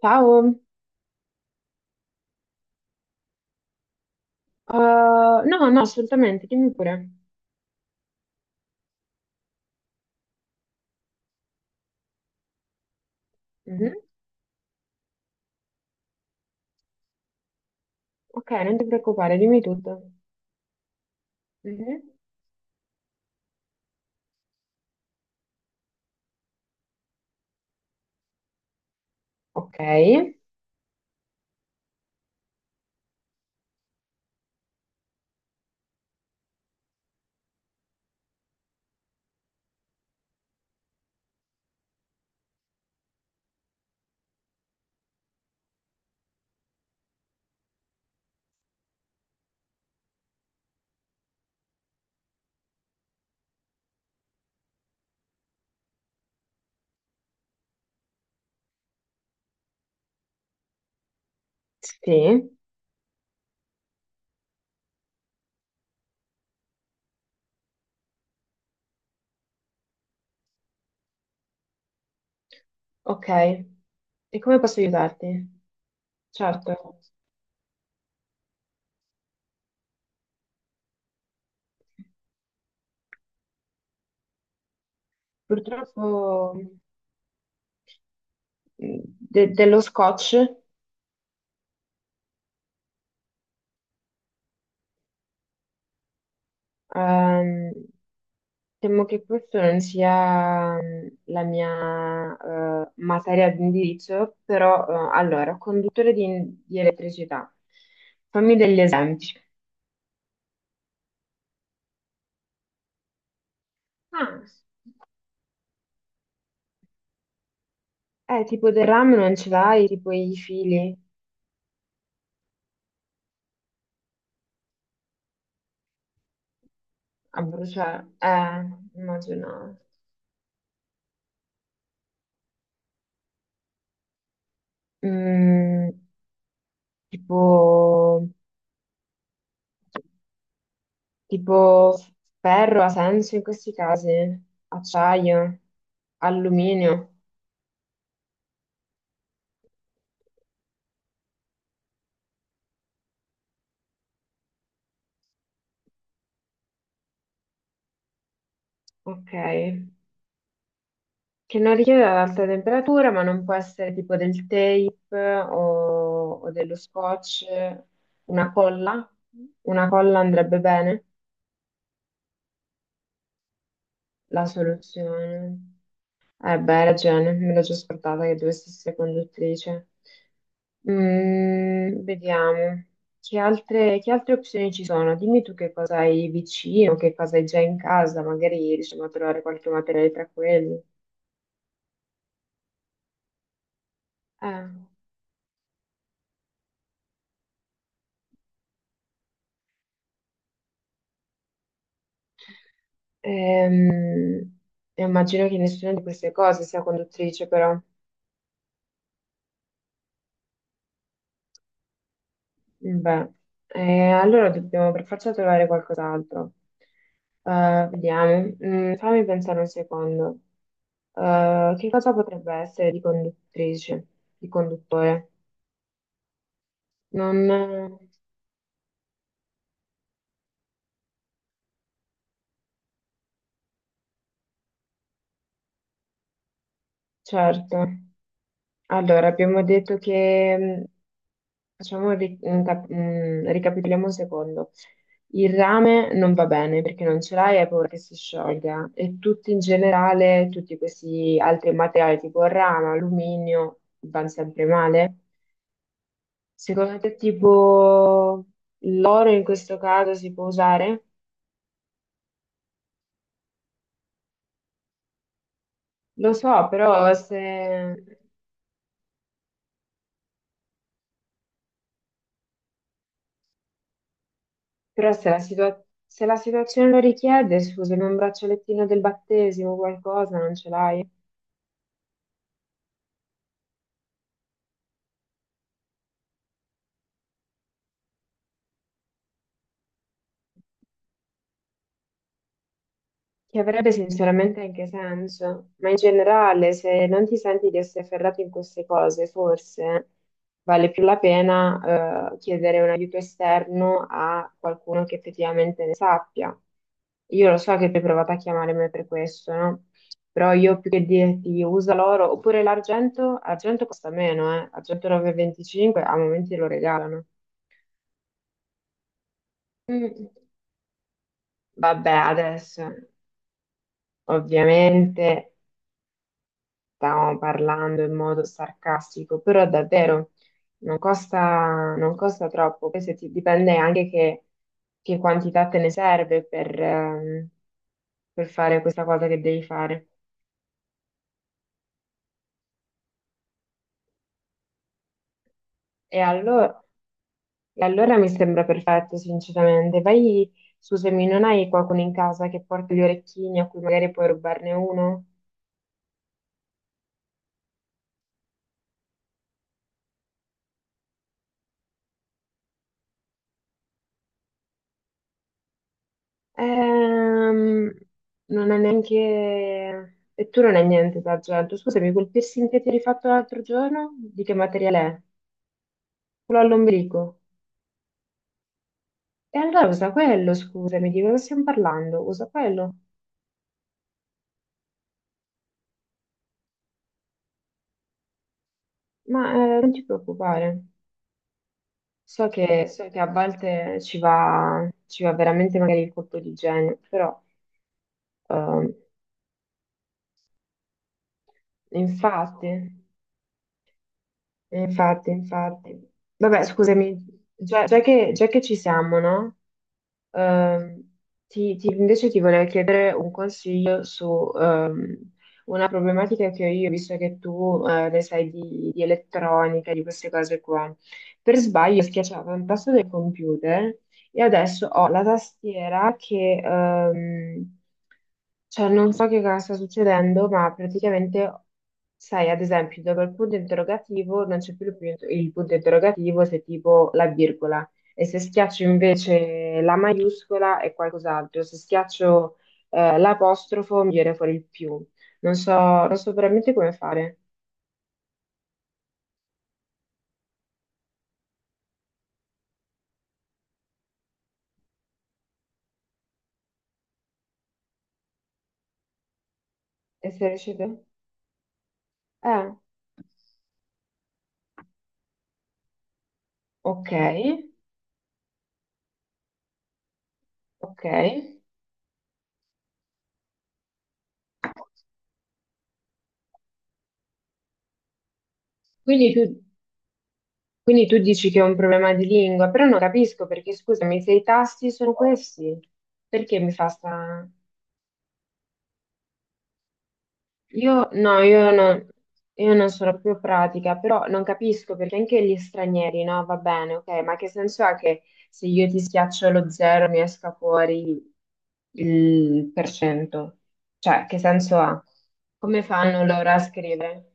Ciao. No, no, assolutamente, dimmi pure. Mhm. Ok, non ti preoccupare, dimmi tutto. Mhm. Ok, sì, ok. E come posso aiutarti? Certo, purtroppo dello scotch, ehm, temo che questa non sia la mia materia di indirizzo, però allora, conduttore di elettricità, fammi degli esempi. Ah. Tipo del rame non ce l'hai, tipo i fili a bruciare. Immagino. Mm, tipo, tipo ferro ha senso in questi casi? Acciaio, alluminio. Ok. Che non richiede ad alta temperatura, ma non può essere tipo del tape o dello scotch. Una colla? Una colla andrebbe bene? La soluzione. Eh beh, hai ragione, me l'ho già scordata che dovessi essere conduttrice. Vediamo. Che altre opzioni ci sono? Dimmi tu che cosa hai vicino, che cosa hai già in casa, magari riusciamo a trovare qualche materiale tra quelli. Ah, ehm, immagino che nessuna di queste cose sia conduttrice, però. Beh, allora dobbiamo per forza trovare qualcos'altro. Vediamo, fammi pensare un secondo. Che cosa potrebbe essere di conduttrice, di conduttore? Non, certo. Allora, abbiamo detto che, facciamo, un ri- un cap- ricapitoliamo un secondo. Il rame non va bene perché non ce l'hai e hai paura che si sciolga. E tutti in generale, tutti questi altri materiali tipo rame, alluminio, vanno sempre male. Secondo te, tipo l'oro in questo caso si può usare? Lo so, però se la situazione lo richiede, scusami, un braccialettino del battesimo, qualcosa, non ce l'hai? Che avrebbe sinceramente anche senso, ma in generale, se non ti senti di essere ferrato in queste cose, forse vale più la pena, chiedere un aiuto esterno a qualcuno che effettivamente ne sappia. Io lo so che tu hai provato a chiamare me per questo, no? Però io più che dirti usa l'oro, oppure l'argento, argento costa meno, eh? Argento 9,25 a momenti lo regalano. Mm. Vabbè, adesso ovviamente. Stavamo parlando in modo sarcastico, però davvero non costa troppo. Poi se ti dipende anche che quantità te ne serve per fare questa cosa che devi fare. E allora, e allora mi sembra perfetto, sinceramente. Vai, scusami, non hai qualcuno in casa che porta gli orecchini a cui magari puoi rubarne uno? Ehm, non è neanche. E tu non è niente d'argento. Scusami, quel piercing che ti eri fatto l'altro giorno, di che materiale è? Quello all'ombrico. E allora usa quello, scusami, di cosa stiamo parlando? Usa quello. Ma non ti preoccupare. So che a volte ci va veramente magari il colpo di genio, però ehm, infatti. Infatti, infatti. Vabbè, scusami, già che ci siamo, no? Ehm, invece ti volevo chiedere un consiglio su una problematica che ho io, visto che tu ne sai di elettronica, di queste cose qua. Per sbaglio schiacciavo un tasto del computer. Io adesso ho la tastiera che, cioè non so che cosa sta succedendo, ma praticamente, sai, ad esempio, dopo il punto interrogativo non c'è più il punto interrogativo se tipo la virgola, e se schiaccio invece la maiuscola è qualcos'altro, se schiaccio, l'apostrofo mi viene fuori il più. Non so veramente come fare. E se riuscite? Eh, ok, ok. Quindi tu Quindi tu dici che è un problema di lingua, però non capisco perché, scusami, se i tasti sono questi, perché mi fa sta. Io no, io non sono più pratica, però non capisco perché anche gli stranieri, no? Va bene, ok, ma che senso ha che se io ti schiaccio lo zero mi esca fuori il per cento? Cioè, che senso ha? Come fanno loro a scrivere?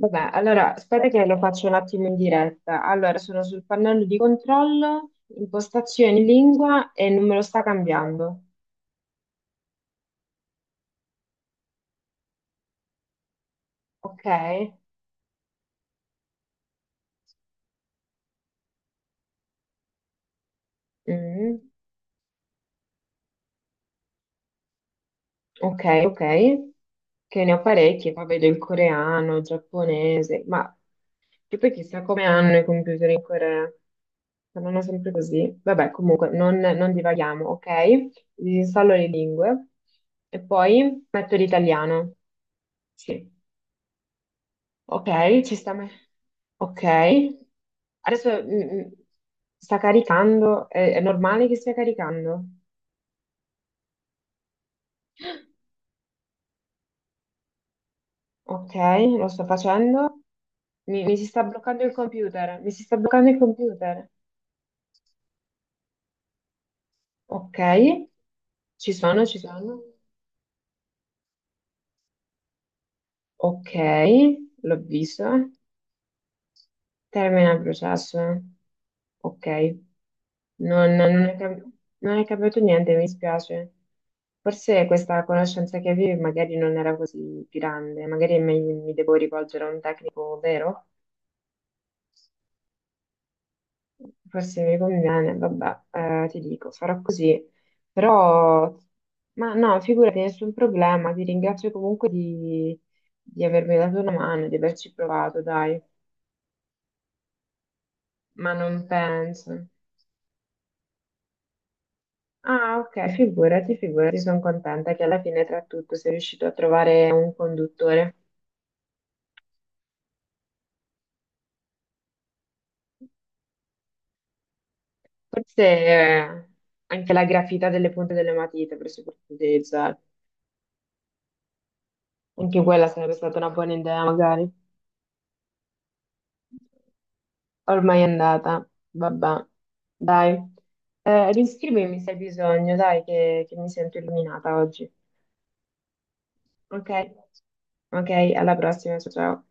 Vabbè, allora aspetta che lo faccio un attimo in diretta. Allora, sono sul pannello di controllo, impostazioni lingua e non me lo sta cambiando. Ok? Mm, ok, ok. Che ne ho parecchi, poi vedo il coreano, il giapponese, ma che poi chissà come hanno i computer in Corea. Saranno sempre così. Vabbè, comunque, non divaghiamo, ok? Disinstallo le lingue e poi metto l'italiano. Sì. Ok, ci sta. Ok, adesso sta caricando, è normale che stia caricando? Ok, lo sto facendo, mi si sta bloccando il computer, mi si sta bloccando il computer. Ok, ci sono, ci sono. Ok, l'ho visto. Termina il processo. Ok. Non, non è, cam- non è cambiato niente, mi spiace. Forse questa conoscenza che avevi magari non era così grande, magari mi devo rivolgere a un tecnico vero? Forse mi conviene, vabbè, ti dico, farò così. Però, ma no, figurati, nessun problema, ti ringrazio comunque di avermi dato una mano, di averci provato, dai. Ma non penso. Ah, ok, figurati, figurati, sono contenta che alla fine tra tutto sei riuscito a trovare un conduttore. Forse anche la grafita delle punte delle matite avresti potuto utilizzare. Anche quella sarebbe stata una buona idea, magari. Ormai è andata, vabbè. Dai, riscrivimi se hai bisogno, dai, che mi sento illuminata oggi. Ok, ok, alla prossima, ciao. Ciao.